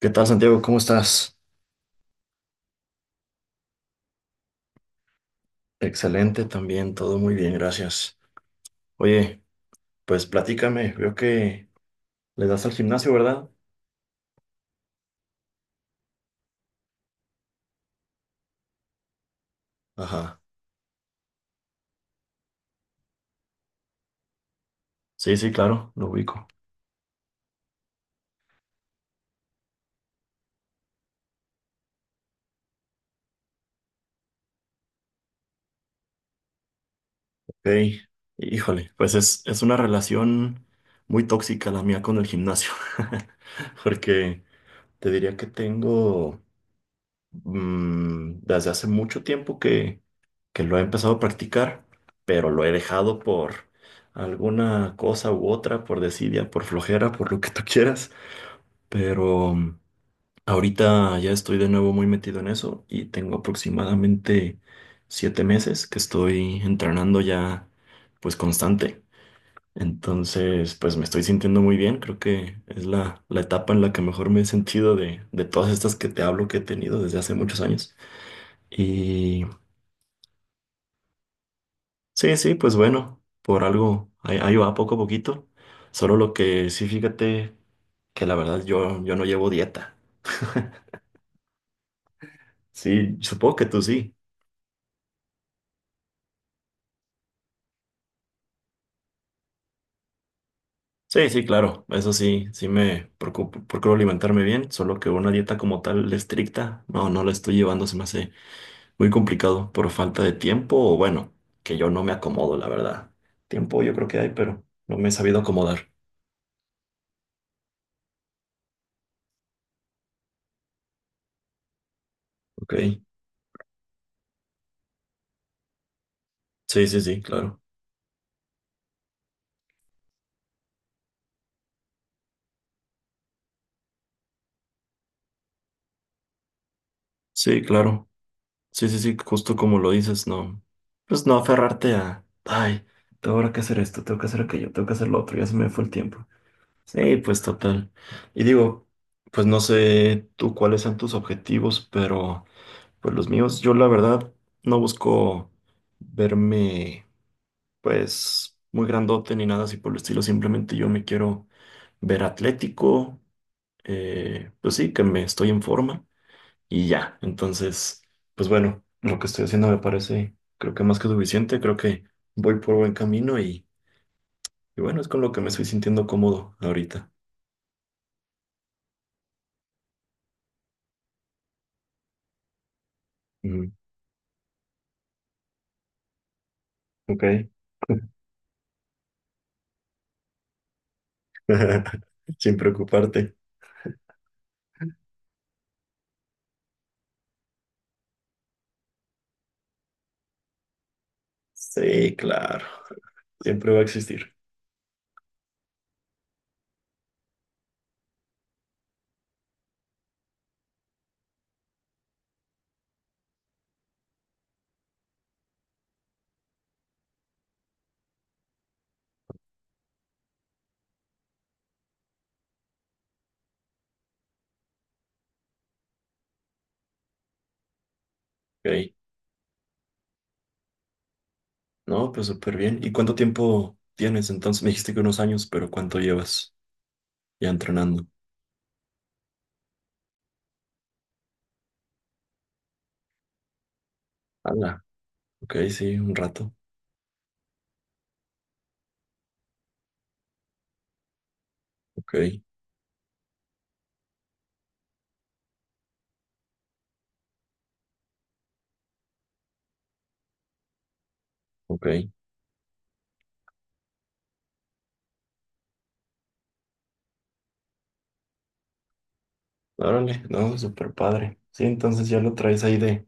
¿Qué tal, Santiago? ¿Cómo estás? Excelente también, todo muy bien, gracias. Oye, pues platícame, veo que le das al gimnasio, ¿verdad? Ajá. Sí, sí, claro, lo ubico. Ok. Híjole, pues es una relación muy tóxica la mía con el gimnasio, porque te diría que tengo desde hace mucho tiempo que lo he empezado a practicar, pero lo he dejado por alguna cosa u otra, por desidia, por flojera, por lo que tú quieras. Pero ahorita ya estoy de nuevo muy metido en eso y tengo aproximadamente 7 meses que estoy entrenando ya pues constante. Entonces, pues me estoy sintiendo muy bien. Creo que es la etapa en la que mejor me he sentido de todas estas que te hablo que he tenido desde hace muchos años. Y sí, sí, pues bueno, por algo ahí, ahí va poco a poquito. Solo lo que sí, fíjate que la verdad yo no llevo dieta. Sí, supongo que tú sí. Sí, sí, claro, eso sí, sí me preocupo, procuro alimentarme bien, solo que una dieta como tal estricta, no, no la estoy llevando, se me hace muy complicado por falta de tiempo o bueno, que yo no me acomodo, la verdad. Tiempo yo creo que hay, pero no me he sabido acomodar. Ok, sí, sí, sí, claro. Sí, claro. Sí, sí, sí, justo como lo dices, no. Pues no aferrarte a, ay, tengo ahora que hacer esto, tengo que hacer aquello, tengo que hacer lo otro, ya se me fue el tiempo. Sí, pues total. Y digo, pues no sé tú cuáles sean tus objetivos, pero pues los míos, yo la verdad no busco verme pues muy grandote ni nada así por el estilo, simplemente yo me quiero ver atlético, pues sí, que me estoy en forma y ya. Entonces, pues bueno, lo que estoy haciendo me parece, creo que más que suficiente, creo que voy por buen camino y bueno, es con lo que me estoy sintiendo cómodo ahorita. Ujú. Ok. Sin preocuparte. Sí, claro. Siempre va a existir. Ok. No, pues súper bien. ¿Y cuánto tiempo tienes entonces? Me dijiste que unos años, pero ¿cuánto llevas ya entrenando? Hala. Ok, sí, un rato. Ok, ok. Órale, no, súper padre. Sí, entonces ya lo traes ahí de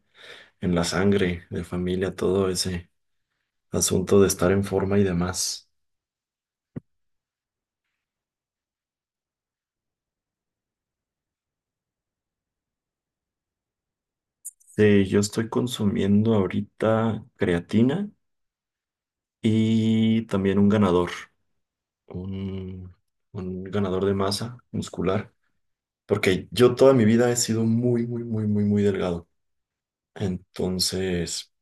en la sangre, de familia, todo ese asunto de estar en forma y demás. Sí, yo estoy consumiendo ahorita creatina y también un ganador. un, un ganador de masa muscular, porque yo toda mi vida he sido muy, muy, muy, muy, muy delgado. Entonces,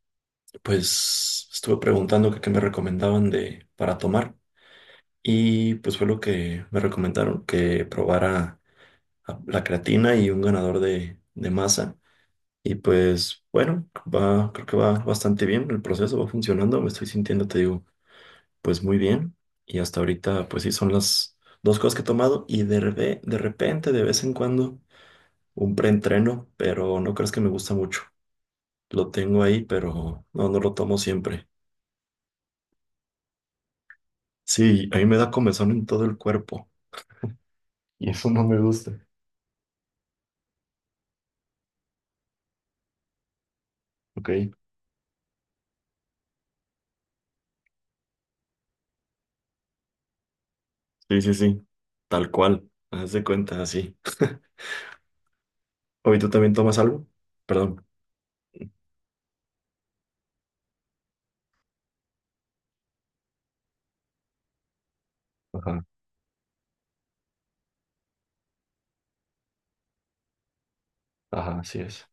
pues estuve preguntando que qué me recomendaban de, para tomar y pues fue lo que me recomendaron, que probara la creatina y un ganador de masa. Y pues bueno, va, creo que va bastante bien el proceso, va funcionando, me estoy sintiendo, te digo. Pues muy bien. Y hasta ahorita, pues sí, son las dos cosas que he tomado y de, de repente, de vez en cuando, un preentreno, pero no crees que me gusta mucho. Lo tengo ahí, pero no, no lo tomo siempre. Sí, a mí me da comezón en todo el cuerpo y eso no me gusta. Ok. Sí, sí, sí. Tal cual. Haz de cuenta, así. ¿Hoy tú también tomas algo? Perdón. Ajá, ajá, así es.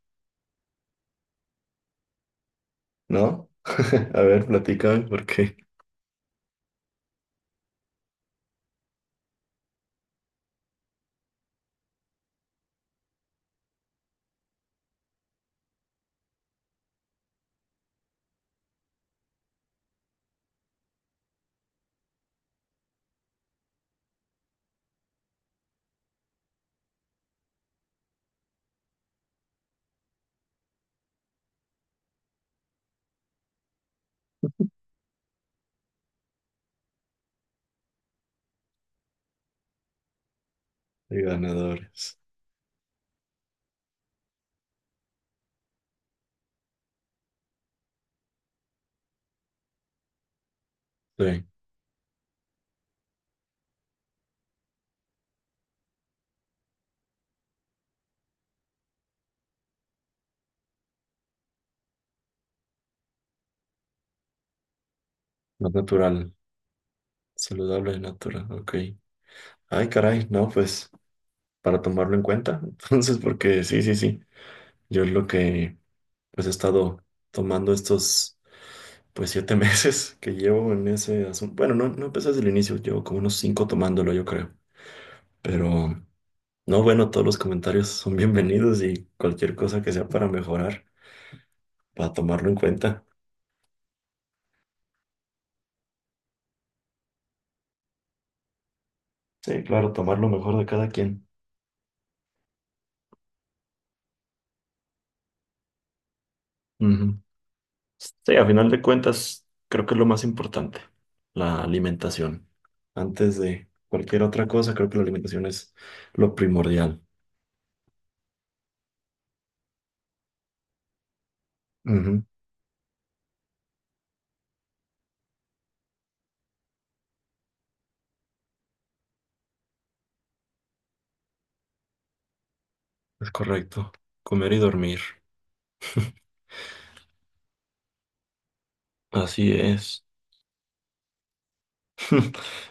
¿No? A ver, platícame por qué. De ganadores. Sí, más natural. Saludable y natural, ok. Ay, caray, no, pues para tomarlo en cuenta. Entonces, porque sí, sí, sí. Yo es lo que pues he estado tomando estos pues 7 meses que llevo en ese asunto. Bueno, no, no empecé desde el inicio, llevo como unos cinco tomándolo, yo creo. Pero no, bueno, todos los comentarios son bienvenidos y cualquier cosa que sea para mejorar, para tomarlo en cuenta. Sí, claro, tomar lo mejor de cada quien. Ujú. Sí, a final de cuentas, creo que es lo más importante, la alimentación. Antes de cualquier otra cosa, creo que la alimentación es lo primordial. Ujú. Es correcto. Comer y dormir. Así es.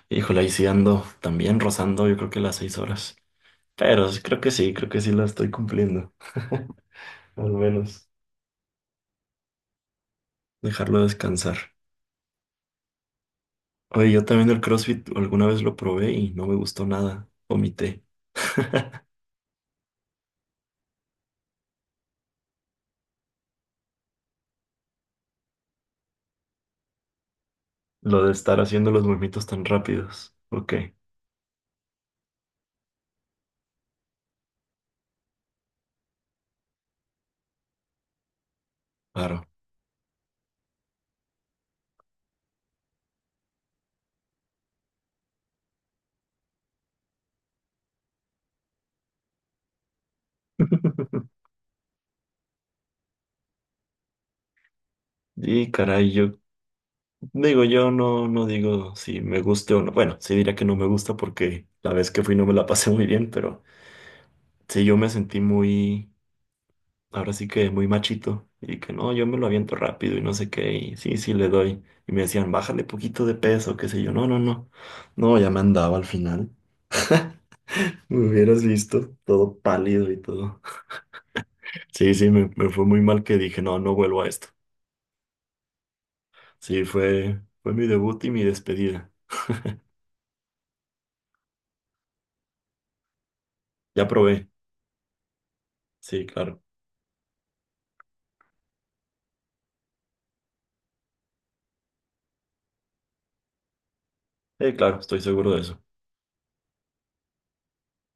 Híjole, ahí sí ando también rozando, yo creo que las 6 horas. Pero creo que sí la estoy cumpliendo. Al menos dejarlo descansar. Oye, yo también el CrossFit alguna vez lo probé y no me gustó nada. Omité. Lo de estar haciendo los movimientos tan rápidos. Ok. Claro. Y caray, yo digo, yo no, no digo si me guste o no. Bueno, sí diría que no me gusta porque la vez que fui no me la pasé muy bien, pero sí yo me sentí muy, ahora sí que muy machito y que no, yo me lo aviento rápido y no sé qué, y sí, sí le doy. Y me decían, bájale poquito de peso, qué sé yo. No, no, no. No, ya me andaba al final. Me hubieras visto todo pálido y todo. Sí, sí, me fue muy mal que dije, no, no vuelvo a esto. Sí, fue mi debut y mi despedida. Ya probé. Sí, claro. Claro, estoy seguro de eso.